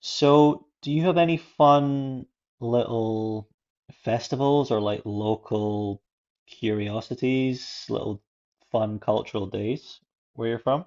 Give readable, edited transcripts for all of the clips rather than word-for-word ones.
So, do you have any fun little festivals or like local curiosities, little fun cultural days where you're from?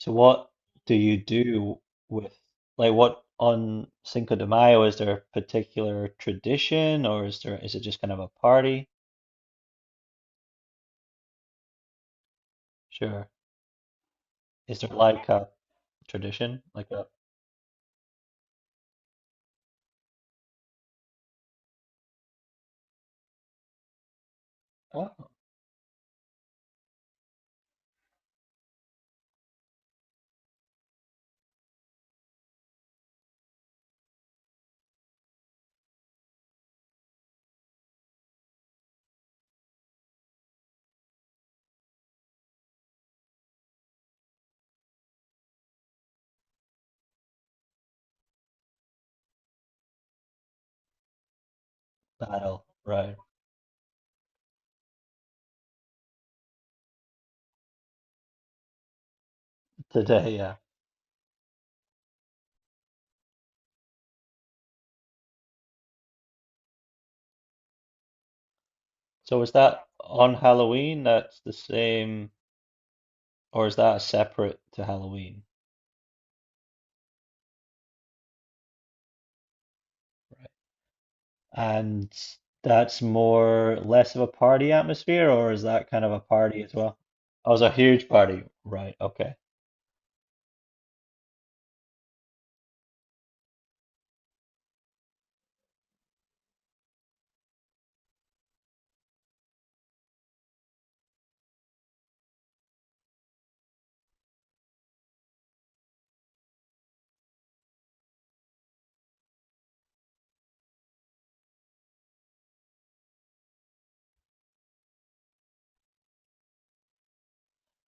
So, what do you do with like what on Cinco de Mayo? Is there a particular tradition or is it just kind of a party? Sure. Is there like a tradition, like a oh, battle, right? Today, yeah. So, is that on Halloween? That's the same. Or is that separate to Halloween? Right. And that's more less of a party atmosphere, or is that kind of a party as well? Oh, it's a huge party. Right. Okay.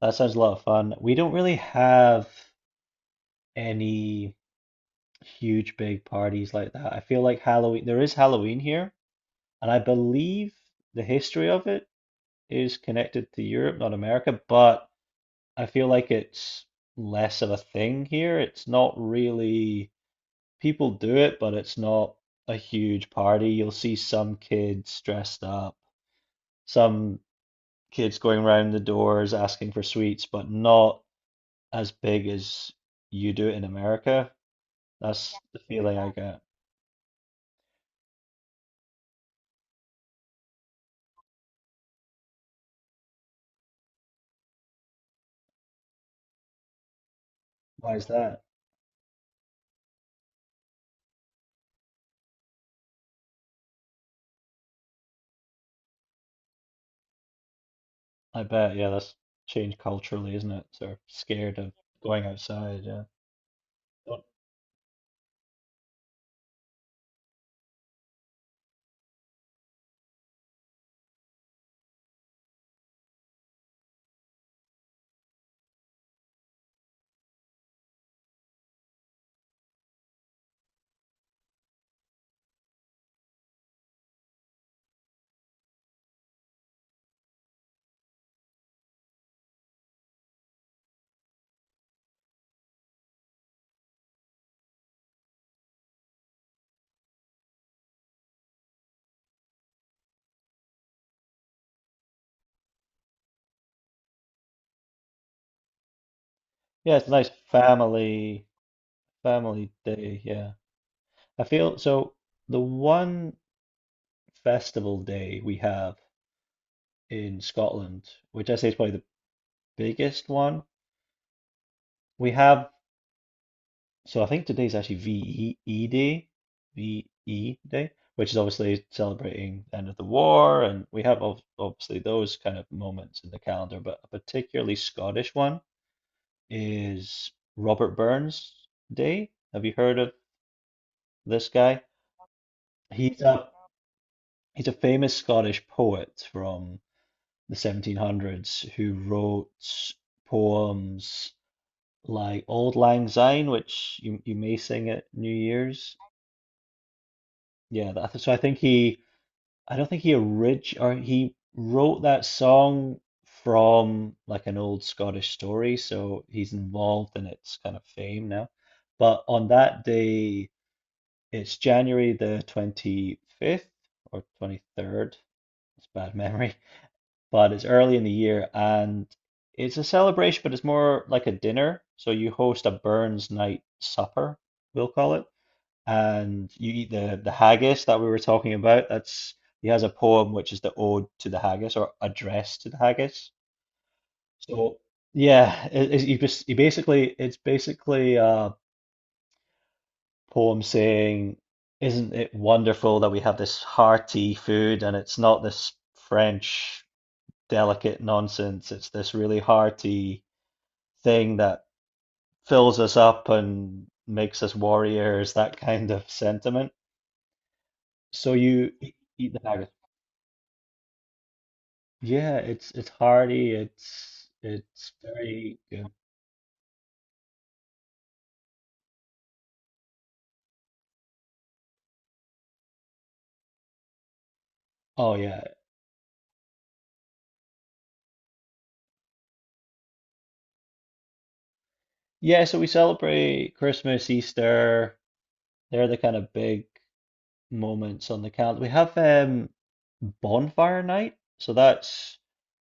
That sounds a lot of fun. We don't really have any huge big parties like that. I feel like Halloween, there is Halloween here, and I believe the history of it is connected to Europe, not America, but I feel like it's less of a thing here. It's not really. People do it, but it's not a huge party. You'll see some kids dressed up, some kids going round the doors asking for sweets, but not as big as you do it in America. That's the feeling I get. Why is that? I bet, yeah, that's changed culturally, isn't it? Sort of scared of going outside, yeah. Don't- yeah, it's a nice family day, yeah. I feel so the one festival day we have in Scotland, which I say is probably the biggest one. We have, so I think today's actually VE Day, VE Day, which is obviously celebrating the end of the war. And we have obviously those kind of moments in the calendar, but a particularly Scottish one is Robert Burns Day. Have you heard of this guy? He's a he's a famous Scottish poet from the 1700s who wrote poems like Old Lang Syne, which you may sing at New Year's. Yeah, that, so I think I don't think he orig or he wrote that song from like an old Scottish story, so he's involved in its kind of fame now. But on that day, it's January the 25th or 23rd. It's bad memory, but it's early in the year and it's a celebration, but it's more like a dinner. So you host a Burns night supper, we'll call it, and you eat the haggis that we were talking about. That's he has a poem which is the ode to the haggis or address to the haggis. So yeah, you basically it's basically a poem saying, "Isn't it wonderful that we have this hearty food and it's not this French delicate nonsense. It's this really hearty thing that fills us up and makes us warriors," that kind of sentiment. So you eat the haggis. Yeah, it's hearty. It's very good. Oh yeah. Yeah, so we celebrate Christmas, Easter. They're the kind of big moments on the calendar. We have bonfire night. So that's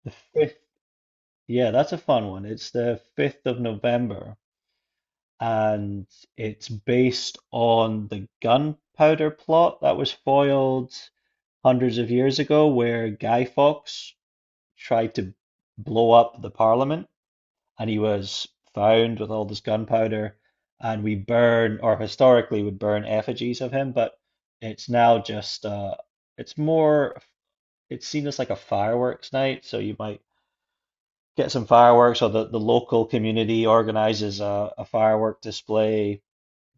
the fifth. Yeah, that's a fun one. It's the 5th of November. And it's based on the gunpowder plot that was foiled hundreds of years ago, where Guy Fawkes tried to blow up the Parliament, and he was found with all this gunpowder, and we burn, or historically would burn effigies of him, but it's now just it's more, it's seen as like a fireworks night, so you might get some fireworks, or the local community organizes a firework display,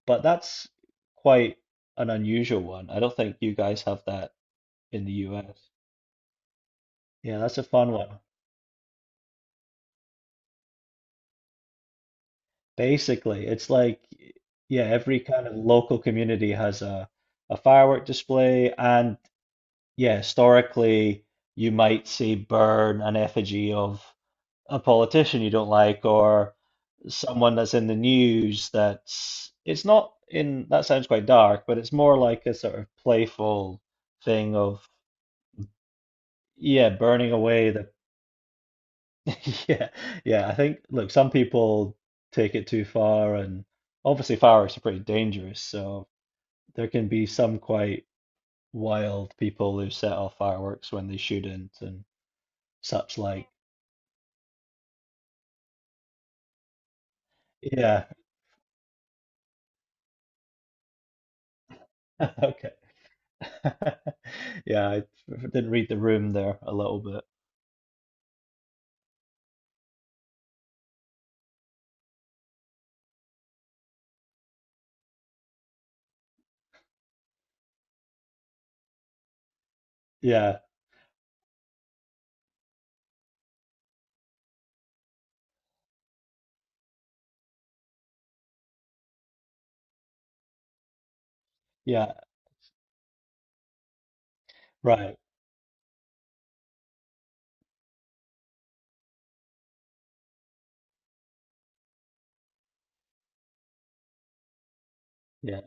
but that's quite an unusual one. I don't think you guys have that in the US. Yeah, that's a fun one. Basically, it's like, yeah, every kind of local community has a firework display. And yeah, historically, you might see burn an effigy of a politician you don't like or someone that's in the news that's, it's not in, that sounds quite dark, but it's more like a sort of playful thing of, yeah, burning away the yeah, yeah. I think, look, some people take it too far, and obviously fireworks are pretty dangerous. So there can be some quite wild people who set off fireworks when they shouldn't and such like. Yeah, okay. Yeah, I didn't read the room there a little bit. Yeah, yeah, right. Yeah,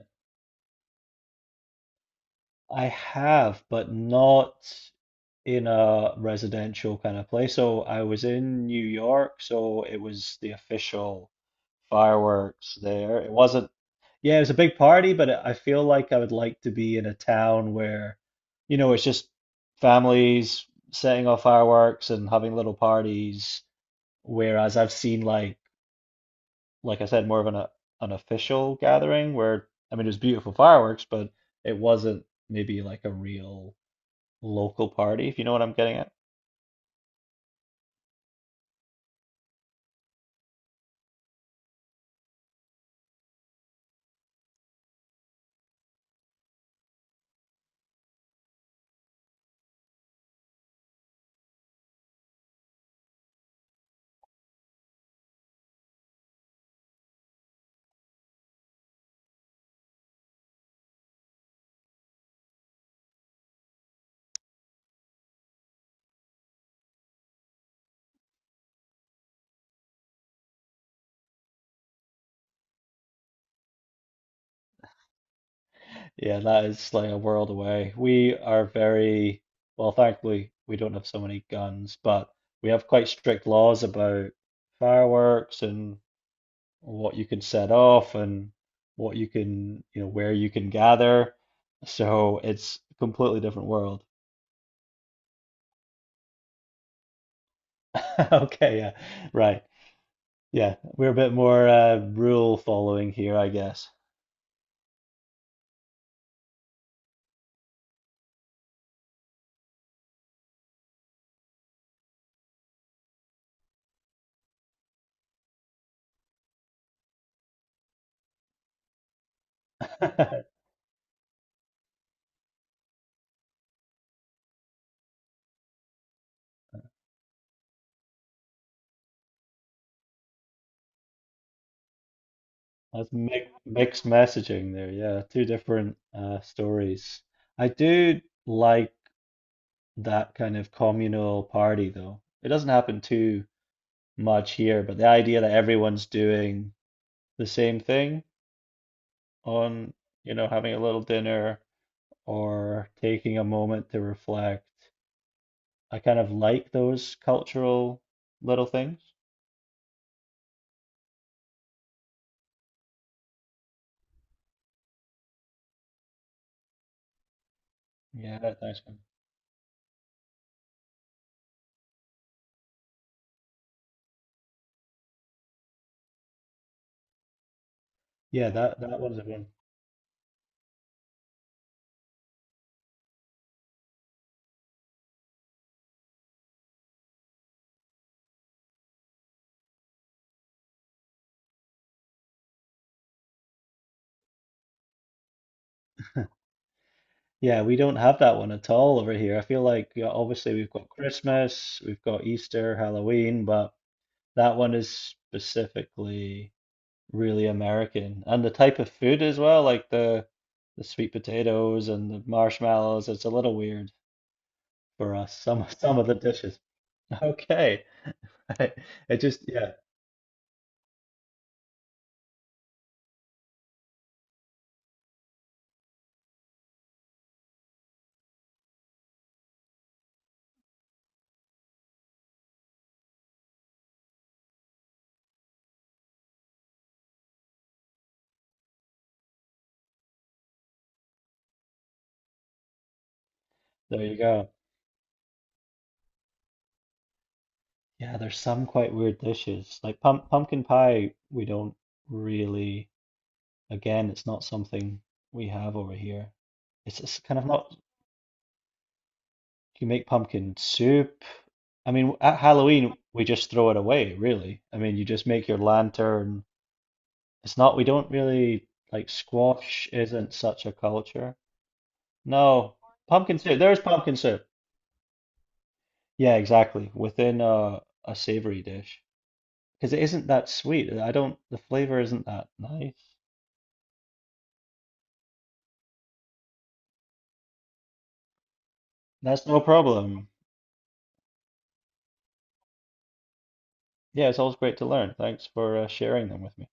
I have, but not in a residential kind of place. So I was in New York, so it was the official fireworks there. It wasn't, yeah, it was a big party, but I feel like I would like to be in a town where, you know, it's just families setting off fireworks and having little parties. Whereas I've seen like I said, more of an official gathering where, I mean, it was beautiful fireworks, but it wasn't maybe like a real local party, if you know what I'm getting at. Yeah, that is like a world away. We are very, well, thankfully, we don't have so many guns, but we have quite strict laws about fireworks and what you can set off and what you can, you know, where you can gather. So it's a completely different world. Okay, yeah, right. Yeah, we're a bit more rule following here, I guess. That's mi mixed messaging there. Yeah, two different stories. I do like that kind of communal party, though. It doesn't happen too much here, but the idea that everyone's doing the same thing on, you know, having a little dinner or taking a moment to reflect, I kind of like those cultural little things. Yeah, that's nice one. Yeah, that that one's a good one. Yeah, we don't have that one at all over here. I feel like yeah, obviously we've got Christmas, we've got Easter, Halloween, but that one is specifically really American. And the type of food as well, like the sweet potatoes and the marshmallows, it's a little weird for us, some some of the dishes. Okay. I, I just yeah, there you go. Yeah, there's some quite weird dishes. Like pumpkin pie, we don't really, again, it's not something we have over here. It's kind of not, you make pumpkin soup. I mean, at Halloween, we just throw it away, really. I mean, you just make your lantern. It's not, we don't really like squash isn't such a culture. No, pumpkin soup. There's pumpkin soup. Yeah, exactly. Within a savory dish. Because it isn't that sweet. I don't, the flavor isn't that nice. That's no problem. Yeah, it's always great to learn. Thanks for sharing them with me.